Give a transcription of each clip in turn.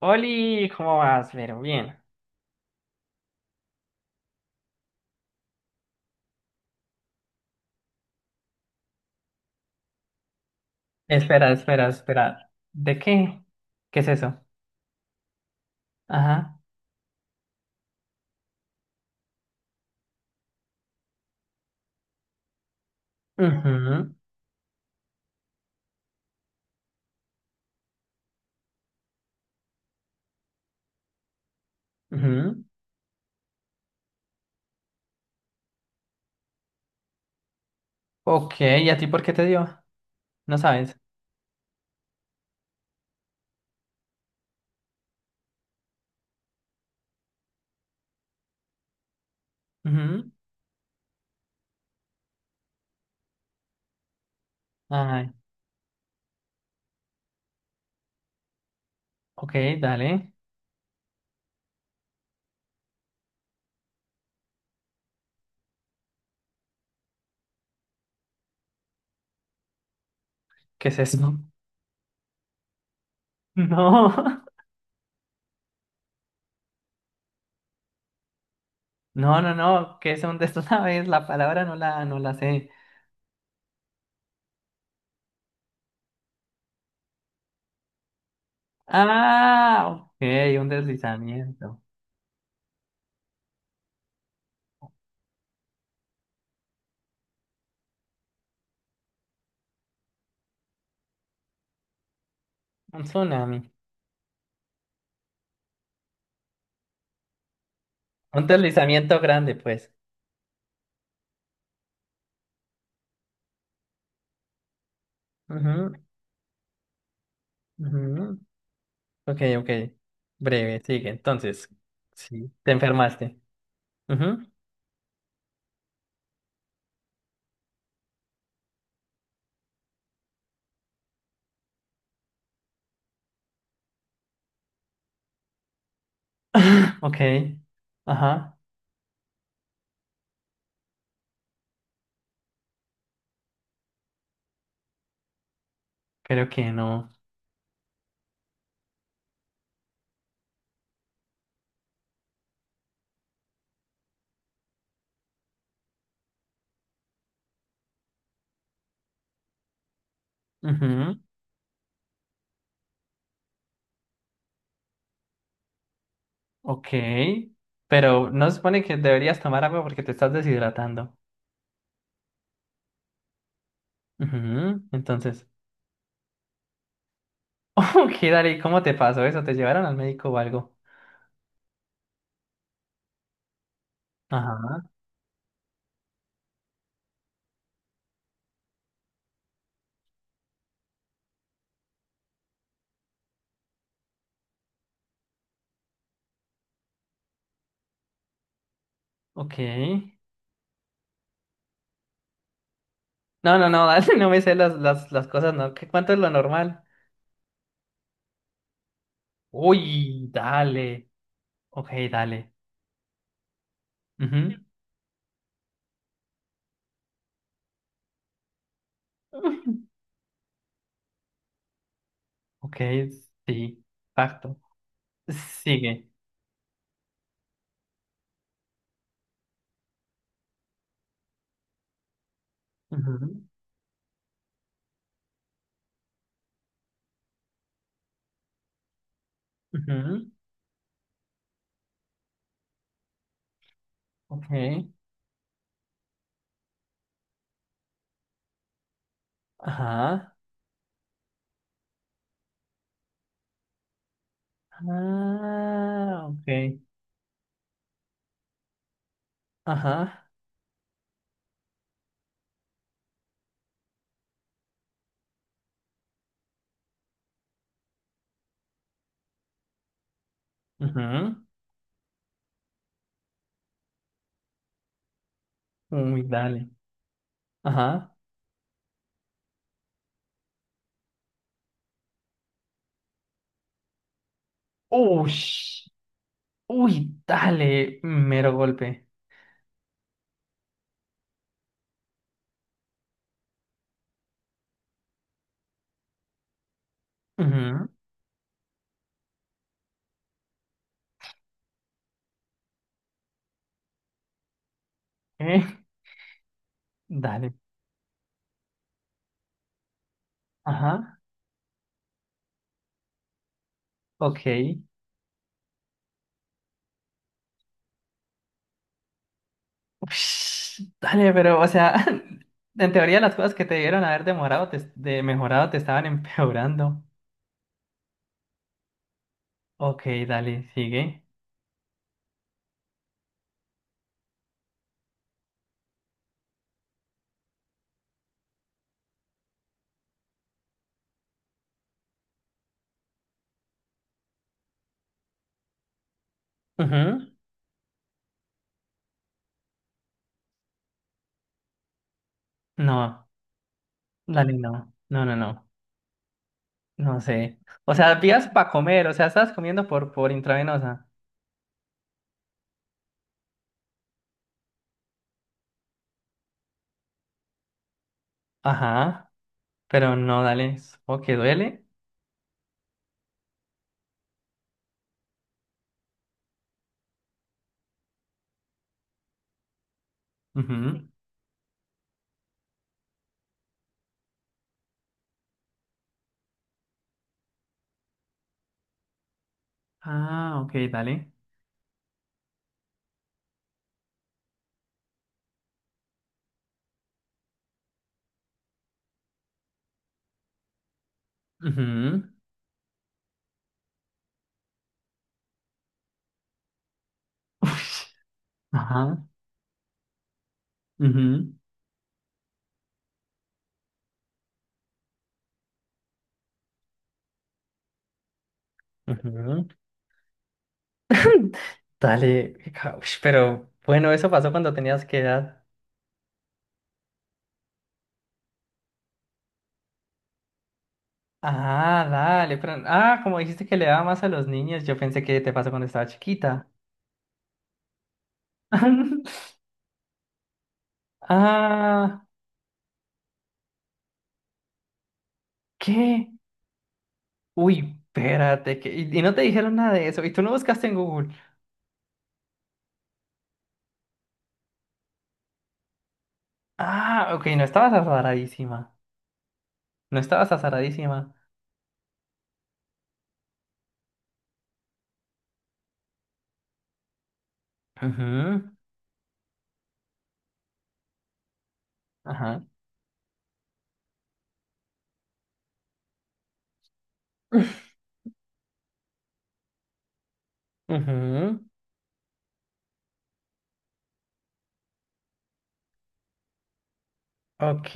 Oli, ¿cómo vas? Pero bien. Espera, espera, espera. ¿De qué? ¿Qué es eso? Ajá. Ujú, ujú. Ok, ¿y a ti por qué te dio? No sabes. Ujú. Ay, ok, dale. ¿Qué es eso? No, no, no, no. ¿Qué es un des- sabes? La palabra no la sé. Ah, ok, un deslizamiento. Un tsunami. Un deslizamiento grande, pues. Ujú, ujú. Ok, ok. Breve, sigue. Entonces, sí, te enfermaste. Ujú. Ok. Ajá. Creo que no. Ujú. Ok. Pero no se supone que deberías tomar agua porque te estás deshidratando. Ujú. Entonces, ok, dale, ¿cómo te pasó eso? ¿Te llevaron al médico o algo? Ajá. Ok. No, no, no, dale, no me sé las cosas, ¿no? ¿Qué, cuánto es lo normal? Uy, dale. Ok, dale. Ujú. Ok, sí, exacto. Sigue. Ujú, ujú, Ok, ajá. Ah, ok, ajá. Ujú, uy, dale. Ajá. Ush, uy, dale. Mero golpe. Ujú, eh, dale. Ajá. Ok. Ush, dale, pero, o sea, en teoría las cosas que te dieron haber demorado, de mejorado, te estaban empeorando. Ok, dale, sigue. Ujú. No, dale, no. No, no, no. No sé. O sea, vías para comer, o sea, estabas comiendo por intravenosa. Ajá, pero no, dale. O que duele. Ujú. Ah, ok, dale. Ujú. Ush. Ajá. Ujú. Ujú. Dale, ush, pero bueno, eso pasó cuando tenías qué edad. Ah, dale, pero ah, como dijiste que le daba más a los niños, yo pensé que te pasó cuando estaba chiquita. Ah, ¿qué? Uy, espérate, que y no te dijeron nada de eso, y tú no buscaste en Google. Ah, ok, no estabas azaradísima. No estabas azaradísima. Ujú, ajá. Ujú, ok,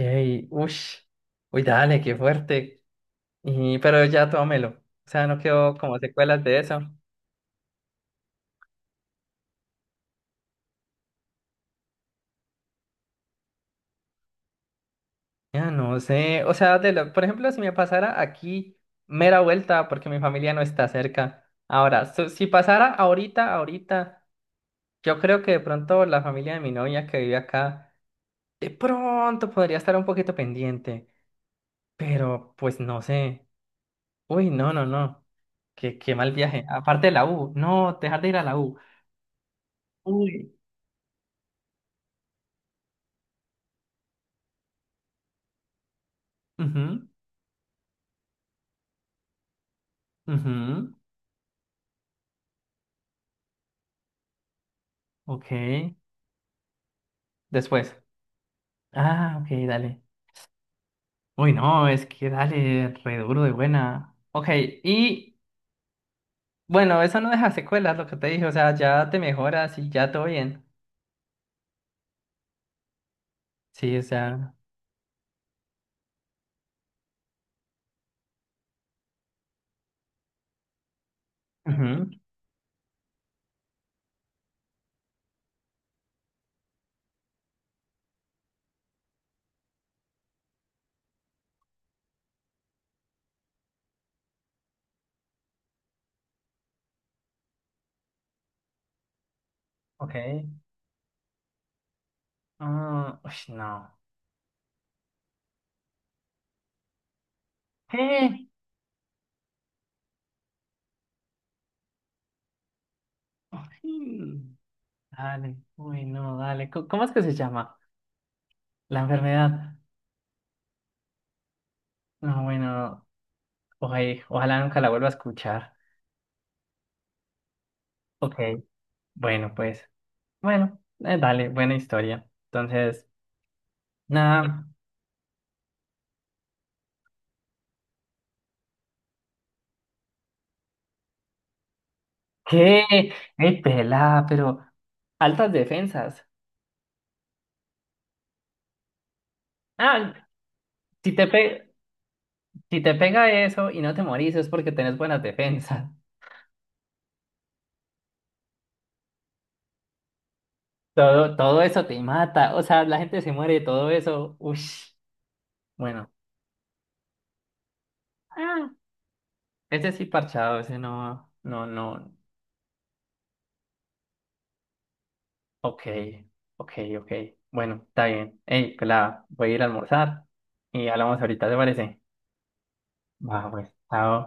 ush. Uy, dale, qué fuerte. Y, pero ya tómelo. O sea, no quedó como secuelas de eso. Ya no sé. O sea, por ejemplo, si me pasara aquí, mera vuelta, porque mi familia no está cerca. Ahora, si pasara ahorita, ahorita, yo creo que de pronto la familia de mi novia que vive acá. De pronto podría estar un poquito pendiente, pero pues no sé. Uy, no, no, no. Qué, qué mal viaje. Aparte de la U. No, dejar de ir a la U. Uy. Ujú, ujú, ok. Después. Ah, ok, dale. Uy, no, es que dale, re duro de buena. Ok, y bueno, eso no deja secuelas, lo que te dije. O sea, ya te mejoras y ya todo bien. Sí, o sea. Ujú, ok. Ah, uy, no. ¿Qué? Dale, uy, no, dale. ¿Cómo es que se llama? La enfermedad. No, bueno, oye, ojalá nunca la vuelva a escuchar. Ok, bueno, pues, bueno, dale, buena historia. Entonces, nada, ¿qué? Ey, pelá, pero altas defensas. Ah, si te pe- si te pega eso y no te morís es porque tenés buenas defensas. Todo, todo eso te mata, o sea, la gente se muere de todo eso. Ush, bueno. Ah, ese sí parchado, ese no, no, no. Ok, ok, ok. Bueno, está bien. Hey, pues la voy a ir a almorzar y hablamos ahorita, ¿te parece? Va, pues, chao.